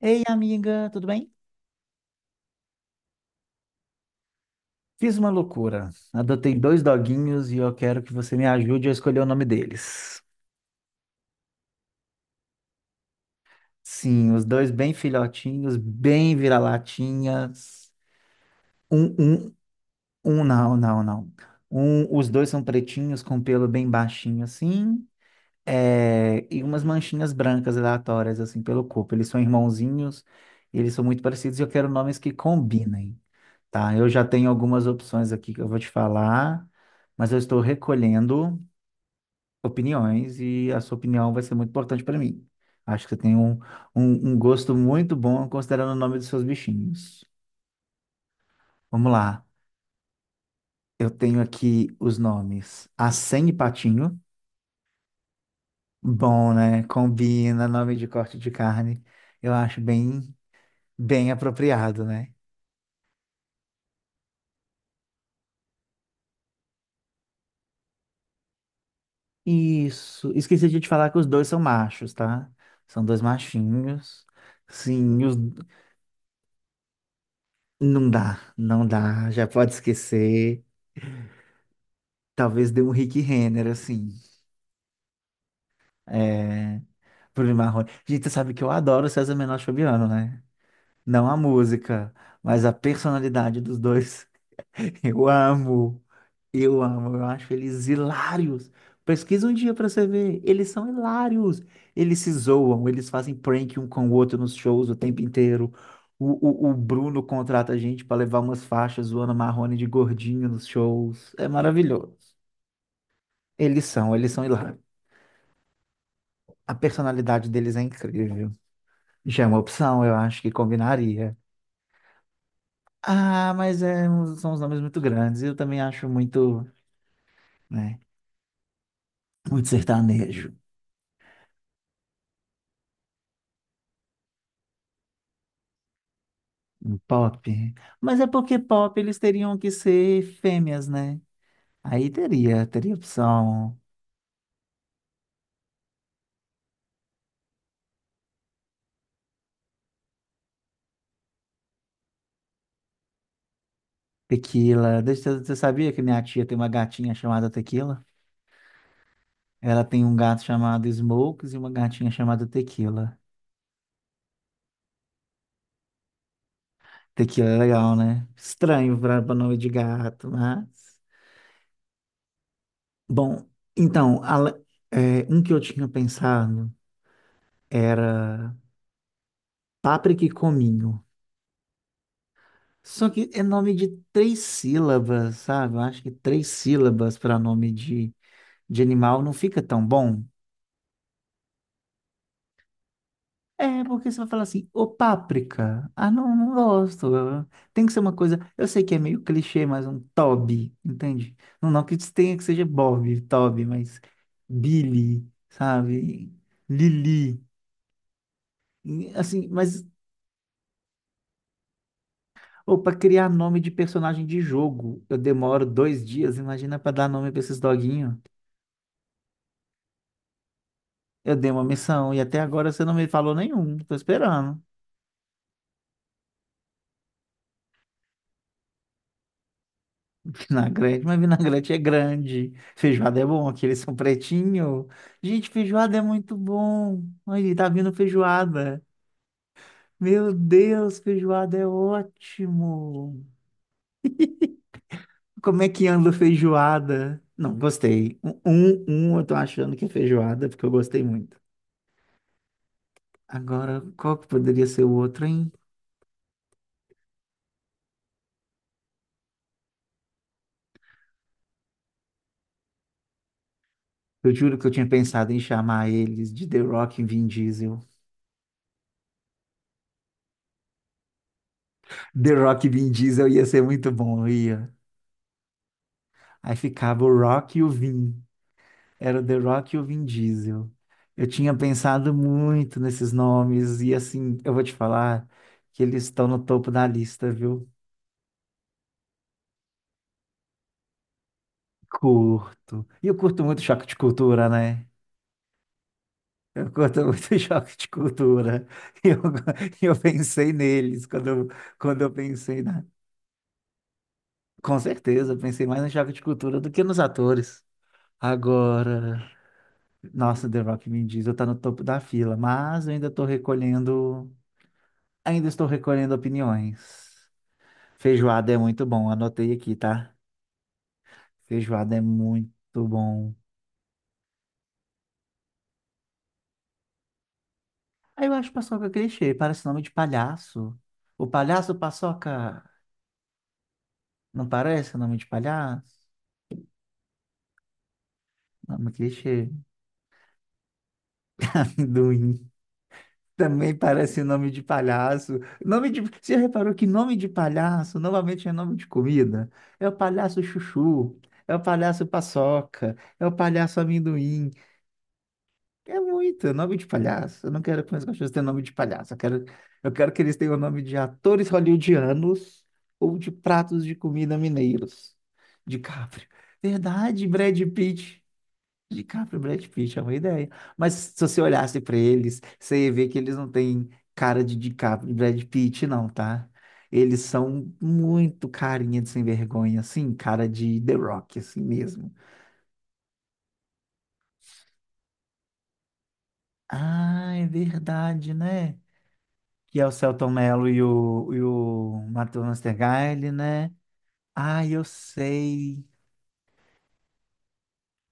Ei, amiga, tudo bem? Fiz uma loucura. Adotei dois doguinhos e eu quero que você me ajude a escolher o nome deles. Sim, os dois bem filhotinhos, bem vira-latinhas. Um, um, não, não, não. Os dois são pretinhos com pelo bem baixinho assim, é, e umas manchinhas brancas aleatórias assim pelo corpo. Eles são irmãozinhos, eles são muito parecidos e eu quero nomes que combinem. Tá, eu já tenho algumas opções aqui que eu vou te falar, mas eu estou recolhendo opiniões, e a sua opinião vai ser muito importante para mim. Acho que você tem um gosto muito bom considerando o nome dos seus bichinhos. Vamos lá. Eu tenho aqui os nomes Acém e Patinho. Bom, né? Combina nome de corte de carne. Eu acho bem, bem apropriado, né? Isso. Esqueci de te falar que os dois são machos, tá? São dois machinhos. Sim, os Não dá, não dá, já pode esquecer. Talvez dê um Rick Renner, assim. É, Bruno Marrone. Gente, você sabe que eu adoro o César Menotti e Fabiano, né? Não a música, mas a personalidade dos dois. Eu amo. Eu amo, eu acho eles hilários. Pesquisa um dia pra você ver. Eles são hilários. Eles se zoam, eles fazem prank um com o outro nos shows o tempo inteiro. O Bruno contrata a gente pra levar umas faixas zoando Marrone de gordinho nos shows. É maravilhoso. Eles são hilários. A personalidade deles é incrível. Já é uma opção, eu acho que combinaria. Ah, mas é, são os nomes muito grandes. Eu também acho muito, né, muito sertanejo. Pop. Mas é porque pop eles teriam que ser fêmeas, né? Aí teria opção. Tequila. Você sabia que minha tia tem uma gatinha chamada Tequila? Ela tem um gato chamado Smokes e uma gatinha chamada Tequila. Tequila é legal, né? Estranho para nome de gato, mas. Bom, então, é, um que eu tinha pensado era páprica e cominho. Só que é nome de três sílabas, sabe? Eu acho que três sílabas para nome de animal não fica tão bom. É, porque você vai falar assim, ô páprica. Ah, não, não gosto. Tem que ser uma coisa. Eu sei que é meio clichê, mas um Toby, entende? Não, não que tenha que seja Bob, Toby, mas Billy, sabe? Lili. E, assim, mas. Ou para criar nome de personagem de jogo, eu demoro 2 dias. Imagina para dar nome para esses doguinhos. Eu dei uma missão e até agora você não me falou nenhum. Tô esperando. Vinagrete, mas vinagrete é grande. Feijoada é bom, aqueles são pretinho. Gente, feijoada é muito bom. Olha, tá vindo feijoada. Meu Deus, feijoada é ótimo. Como é que anda a feijoada? Não, gostei. Eu tô achando que é feijoada, porque eu gostei muito. Agora, qual que poderia ser o outro, hein? Eu juro que eu tinha pensado em chamar eles de The Rock e Vin Diesel. The Rock e Vin Diesel ia ser muito bom, ia. Aí ficava o Rock e o Vin. Era o The Rock e o Vin Diesel. Eu tinha pensado muito nesses nomes e, assim, eu vou te falar que eles estão no topo da lista, viu? Curto. E eu curto muito choque de cultura, né? Eu curto muito choque de cultura. E eu, e eu pensei neles quando eu pensei na... Com certeza, eu pensei mais no choque de cultura do que nos atores. Agora... Nossa, The Rock Vin Diesel tá no topo da fila, mas eu ainda estou recolhendo opiniões. Feijoada é muito bom, anotei aqui, tá? Feijoada é muito bom. Aí eu acho paçoca clichê, parece nome de palhaço. O palhaço paçoca, não parece nome de palhaço? Nome clichê. Amendoim. Também parece nome de palhaço. Nome de... Você já reparou que nome de palhaço novamente é nome de comida? É o palhaço chuchu, é o palhaço paçoca, é o palhaço amendoim. É muito nome de palhaço. Eu não quero que meus cachorros tenham nome de palhaço. Eu quero que eles tenham o nome de atores hollywoodianos ou de pratos de comida mineiros, de Capri. Verdade, Brad Pitt. DiCaprio e Brad Pitt é uma ideia. Mas se você olhasse para eles, você ia ver que eles não têm cara de DiCaprio e Brad Pitt, não, tá? Eles são muito carinha de sem vergonha, assim, cara de The Rock, assim mesmo. Ah, é verdade, né? Que é o Selton Mello e o Matheus Nastergaile, né? Ah, eu sei.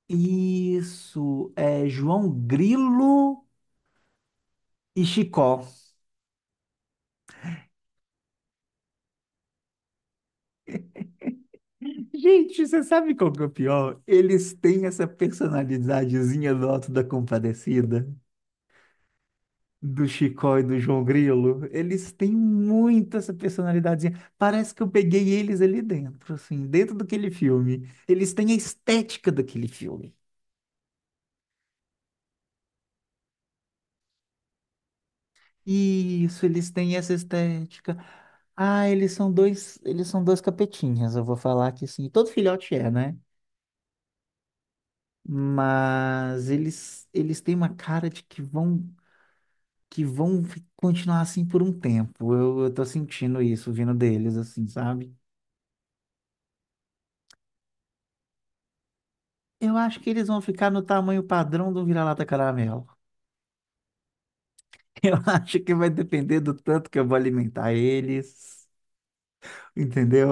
Isso, é João Grilo e Chicó. Gente, você sabe qual que é o pior? Eles têm essa personalidadezinha do Auto da Compadecida, do Chicó e do João Grilo. Eles têm muito essa personalidadezinha. Parece que eu peguei eles ali dentro, assim, dentro daquele filme. Eles têm a estética daquele filme. Isso, eles têm essa estética. Ah, eles são dois capetinhas, eu vou falar que sim. Todo filhote é, né? Mas eles têm uma cara de que vão continuar assim por um tempo. Eu tô sentindo isso vindo deles, assim, sabe? Eu acho que eles vão ficar no tamanho padrão do vira-lata caramelo. Eu acho que vai depender do tanto que eu vou alimentar eles, entendeu?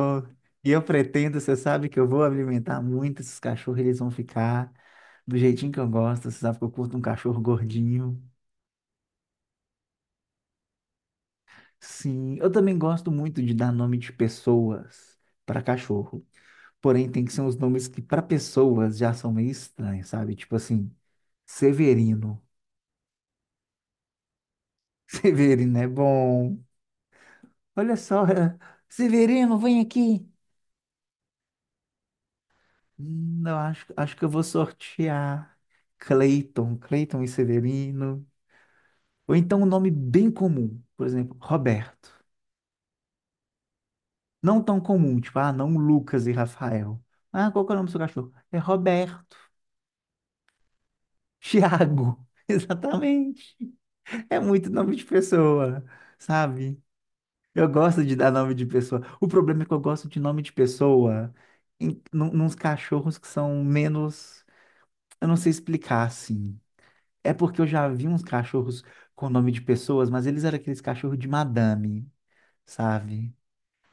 E eu pretendo, você sabe que eu vou alimentar muito esses cachorros, eles vão ficar do jeitinho que eu gosto. Você sabe que eu curto um cachorro gordinho. Sim, eu também gosto muito de dar nome de pessoas para cachorro. Porém, tem que ser uns nomes que, para pessoas, já são meio estranhos, sabe? Tipo assim, Severino. Severino é bom. Olha só, Severino, vem aqui. Não, acho, acho que eu vou sortear Cleiton e Severino. Ou então um nome bem comum, por exemplo, Roberto. Não tão comum, tipo, ah, não, Lucas e Rafael. Ah, qual que é o nome do seu cachorro? É Roberto. Tiago. Exatamente. É muito nome de pessoa, sabe? Eu gosto de dar nome de pessoa. O problema é que eu gosto de nome de pessoa em, nos cachorros que são menos. Eu não sei explicar assim. É porque eu já vi uns cachorros com nome de pessoas, mas eles eram aqueles cachorros de madame, sabe?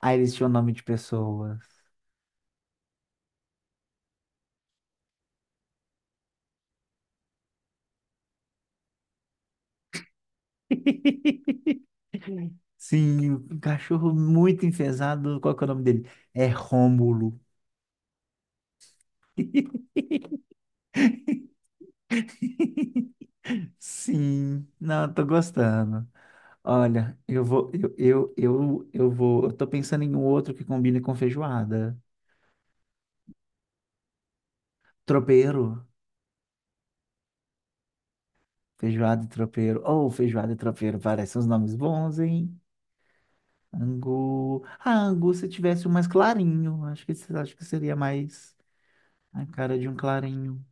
Aí eles tinham nome de pessoas. Sim, um cachorro muito enfesado. Qual que é o nome dele? É Rômulo. Sim, não, eu tô gostando. Olha, eu vou, eu vou, eu tô pensando em um outro que combine com feijoada. Tropeiro, Feijoada e tropeiro. Ou feijoada e tropeiro, parecem uns nomes bons, hein? Angu. Ah, angu, se tivesse um mais clarinho, acho que seria mais a cara de um clarinho.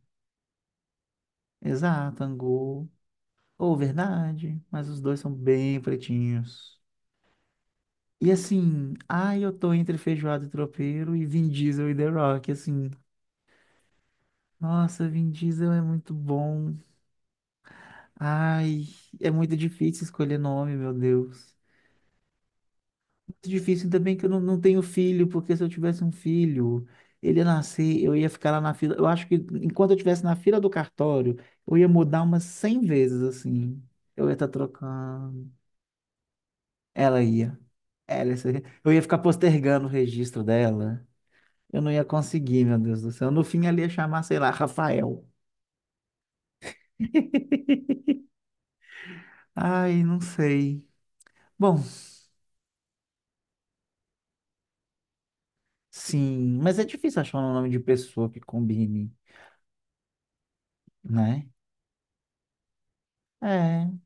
Exato, angu. Ou verdade, mas os dois são bem pretinhos. E assim, ai, eu tô entre feijoada e tropeiro e Vin Diesel e The Rock, assim. Nossa, Vin Diesel é muito bom. Ai, é muito difícil escolher nome, meu Deus. Muito difícil, ainda bem que eu não tenho filho, porque se eu tivesse um filho, ele ia nascer, eu ia ficar lá na fila. Eu acho que enquanto eu estivesse na fila do cartório, eu ia mudar umas 100 vezes, assim. Eu ia estar trocando. Ela ia. Ela, eu ia ficar postergando o registro dela. Eu não ia conseguir, meu Deus do céu. No fim, ela ia chamar, sei lá, Rafael. Ai, não sei. Bom, sim, mas é difícil achar um nome de pessoa que combine, né? É.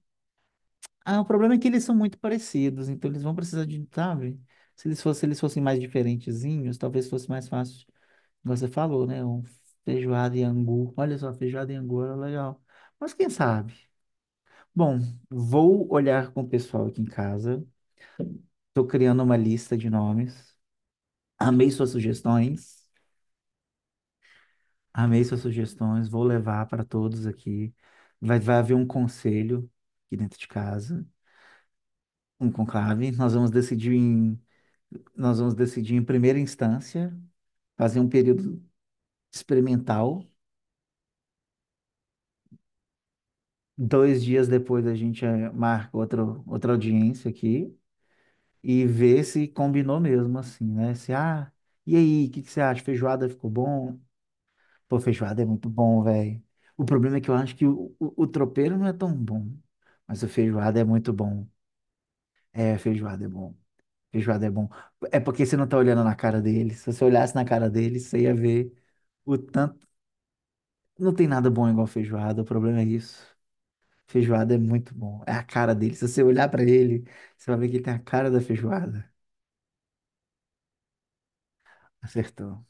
Ah, o problema é que eles são muito parecidos, então eles vão precisar de, sabe? Se eles fossem mais diferentezinhos, talvez fosse mais fácil. Como você falou, né? Um feijoada e angu. Olha só, feijoada e angu era legal. Mas quem sabe? Bom, vou olhar com o pessoal aqui em casa. Estou criando uma lista de nomes. Amei suas sugestões. Amei suas sugestões. Vou levar para todos aqui. Vai haver um conselho aqui dentro de casa, um conclave. Nós vamos decidir em primeira instância, fazer um período experimental. 2 dias depois a gente marca outra audiência aqui e ver se combinou mesmo, assim, né? Se, ah, E aí, o que que você acha? Feijoada ficou bom? Pô, feijoada é muito bom, velho. O problema é que eu acho que o tropeiro não é tão bom, mas o feijoada é muito bom. É, feijoada é bom. Feijoada é bom. É porque você não tá olhando na cara deles. Se você olhasse na cara deles, você ia ver o tanto... Não tem nada bom igual feijoada, o problema é isso. Feijoada é muito bom. É a cara dele. Se você olhar pra ele, você vai ver que ele tem a cara da feijoada. Acertou.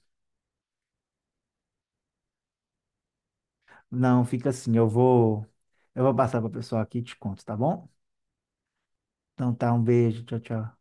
Não, fica assim, eu vou passar pra pessoal aqui e te conto, tá bom? Então tá, um beijo, tchau, tchau.